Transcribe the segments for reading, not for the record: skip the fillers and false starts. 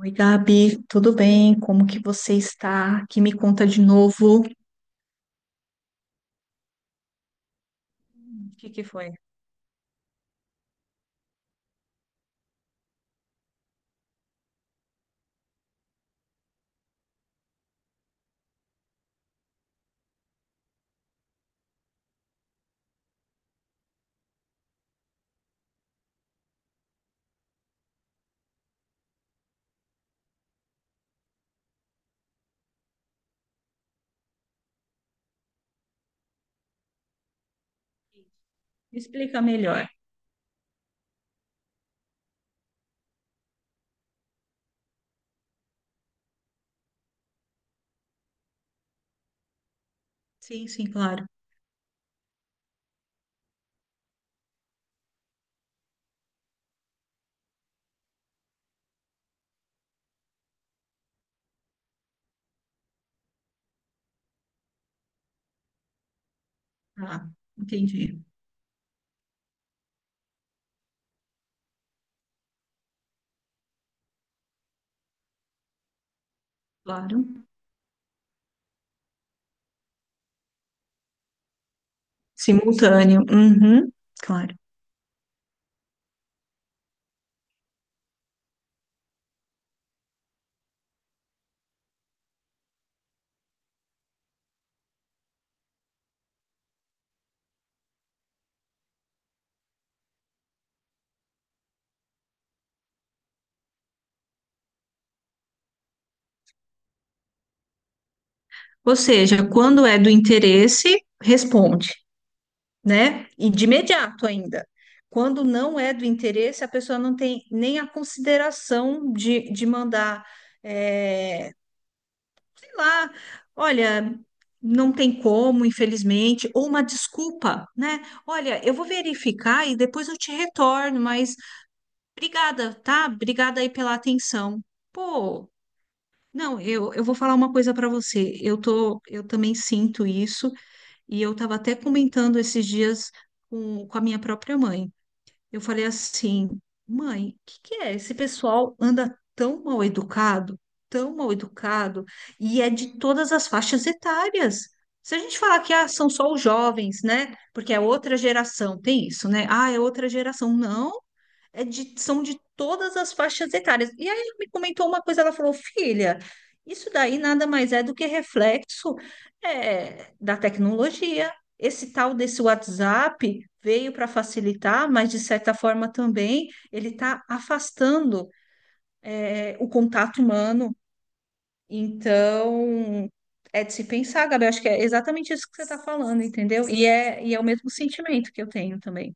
Oi, Gabi, tudo bem? Como que você está? Que me conta de novo. O que que foi? Me explica melhor. Sim, sim, claro. Ah, entendi. Claro. Simultâneo. Uhum, claro. Ou seja, quando é do interesse, responde, né? E de imediato ainda. Quando não é do interesse, a pessoa não tem nem a consideração de mandar. eh, lá, olha, não tem como, infelizmente, ou uma desculpa, né? Olha, eu vou verificar e depois eu te retorno, mas obrigada, tá? Obrigada aí pela atenção. Pô, não, eu vou falar uma coisa para você. Eu tô, eu também sinto isso e eu estava até comentando esses dias com a minha própria mãe. Eu falei assim, mãe, o que que é? Esse pessoal anda tão mal educado, e é de todas as faixas etárias. Se a gente falar que ah, são só os jovens, né? Porque é outra geração, tem isso, né? Ah, é outra geração. Não, são de todas as faixas etárias. E aí ela me comentou uma coisa, ela falou, filha, isso daí nada mais é do que reflexo da tecnologia. Esse tal desse WhatsApp veio para facilitar, mas de certa forma também ele está afastando o contato humano. Então, é de se pensar, Gabi, acho que é exatamente isso que você está falando, entendeu? E é o mesmo sentimento que eu tenho também,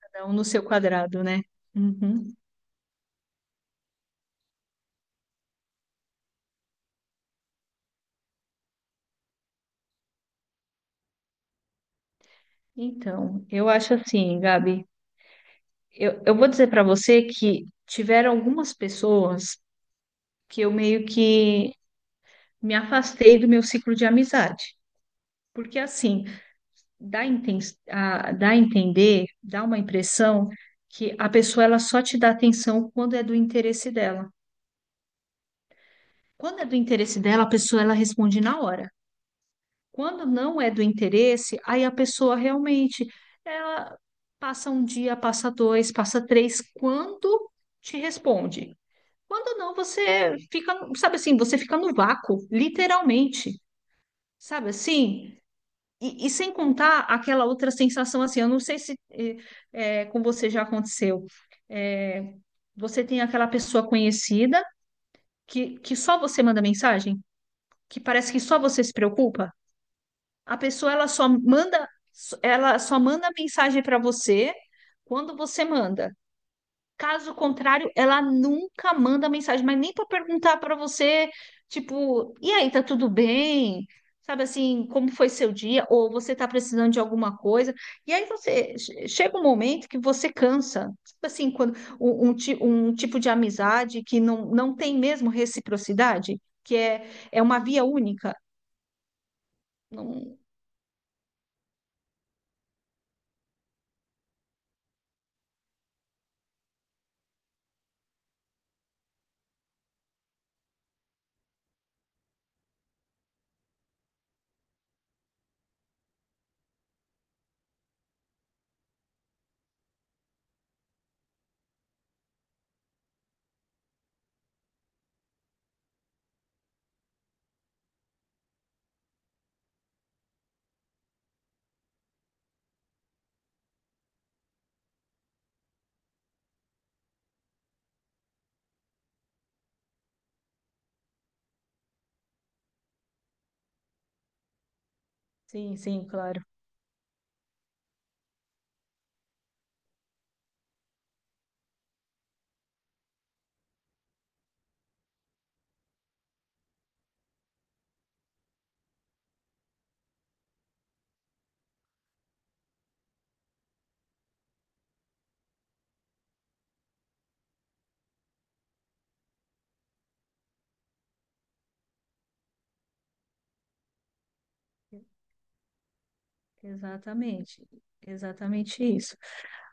cada um no seu quadrado, né? Uhum. Então, eu acho assim, Gabi, eu vou dizer para você que tiveram algumas pessoas que eu meio que me afastei do meu ciclo de amizade, porque assim, dá a, inten- dá a entender, dá uma impressão que a pessoa ela só te dá atenção quando é do interesse dela. Quando é do interesse dela, a pessoa ela responde na hora. Quando não é do interesse, aí a pessoa realmente ela passa um dia, passa dois, passa três, quando te responde. Quando não, você fica, sabe assim, você fica no vácuo, literalmente, sabe assim? E sem contar aquela outra sensação assim, eu não sei se com você já aconteceu. Eh, Você tem aquela pessoa conhecida que só você manda mensagem, que parece que só você se preocupa. A pessoa ela só manda mensagem para você quando você manda. Caso contrário, ela nunca manda mensagem, mas nem para perguntar para você, tipo, e aí, tá tudo bem? Sabe assim, como foi seu dia? Ou você tá precisando de alguma coisa? E aí chega um momento que você cansa. Sabe assim, quando um tipo de amizade que não tem mesmo reciprocidade, é uma via única. Não- Sim, sim, claro. Exatamente, exatamente isso.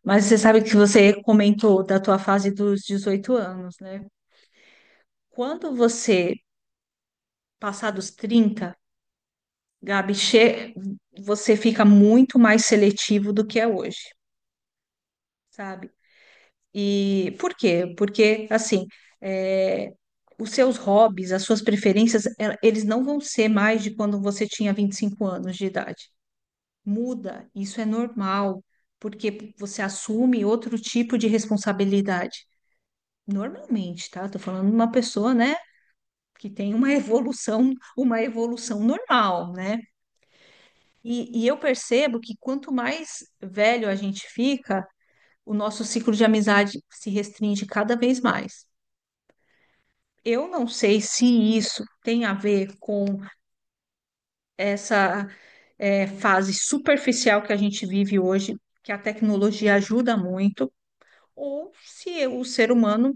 Mas você sabe que você comentou da tua fase dos 18 anos, né? Quando você passar dos 30, Gabi, você fica muito mais seletivo do que é hoje, sabe? E por quê? Porque, assim, é, os seus hobbies, as suas preferências, eles não vão ser mais de quando você tinha 25 anos de idade. Muda, isso é normal, porque você assume outro tipo de responsabilidade. Normalmente, tá? Tô falando de uma pessoa, né, que tem uma evolução, uma evolução normal, né? E eu percebo que quanto mais velho a gente fica, o nosso ciclo de amizade se restringe cada vez mais. Eu não sei se isso tem a ver com essa fase superficial que a gente vive hoje, que a tecnologia ajuda muito, ou se o ser humano,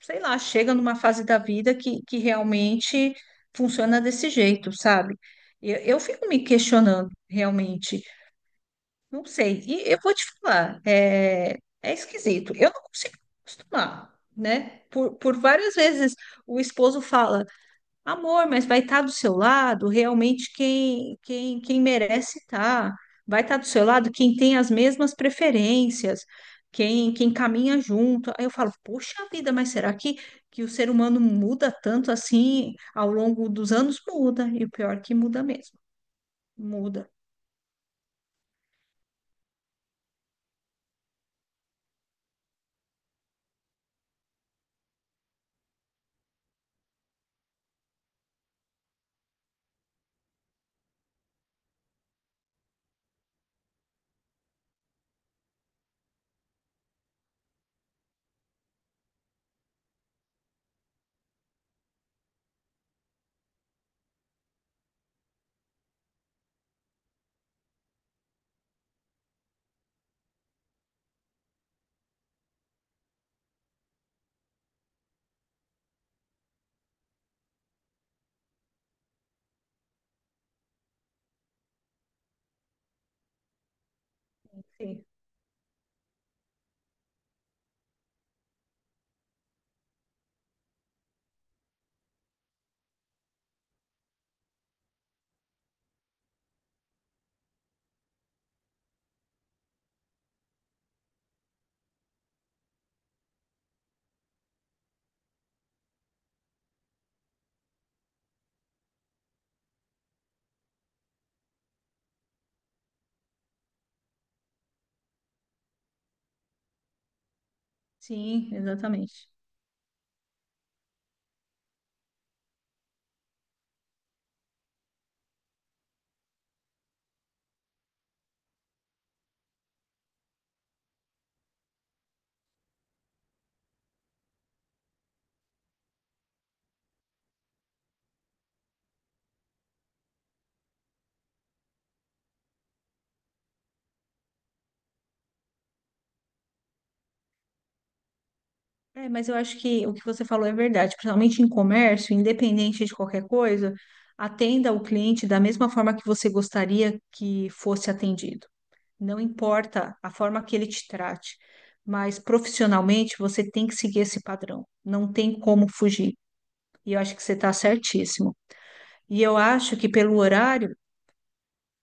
sei lá, chega numa fase da vida que realmente funciona desse jeito, sabe? Eu fico me questionando, realmente. Não sei. E eu vou te falar, é esquisito. Eu não consigo me acostumar, né? Por várias vezes o esposo fala. Amor, mas vai estar do seu lado realmente quem merece estar. Vai estar do seu lado quem tem as mesmas preferências, quem caminha junto. Aí eu falo, poxa vida, que o ser humano muda tanto assim ao longo dos anos? Muda, e o pior é que muda mesmo. Muda. Sim, sim, exatamente. É, mas eu acho que o que você falou é verdade, principalmente em comércio, independente de qualquer coisa, atenda o cliente da mesma forma que você gostaria que fosse atendido. Não importa a forma que ele te trate, mas profissionalmente você tem que seguir esse padrão. Não tem como fugir. E eu acho que você está certíssimo. E eu acho que pelo horário,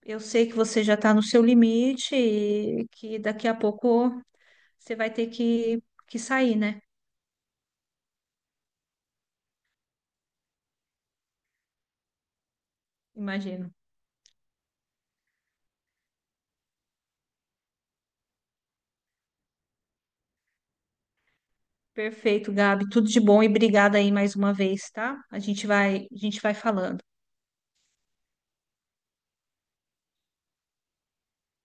eu sei que você já está no seu limite e que daqui a pouco você vai ter que sair, né? Imagino. Perfeito, Gabi. Tudo de bom e obrigada aí mais uma vez, tá? A gente vai falando.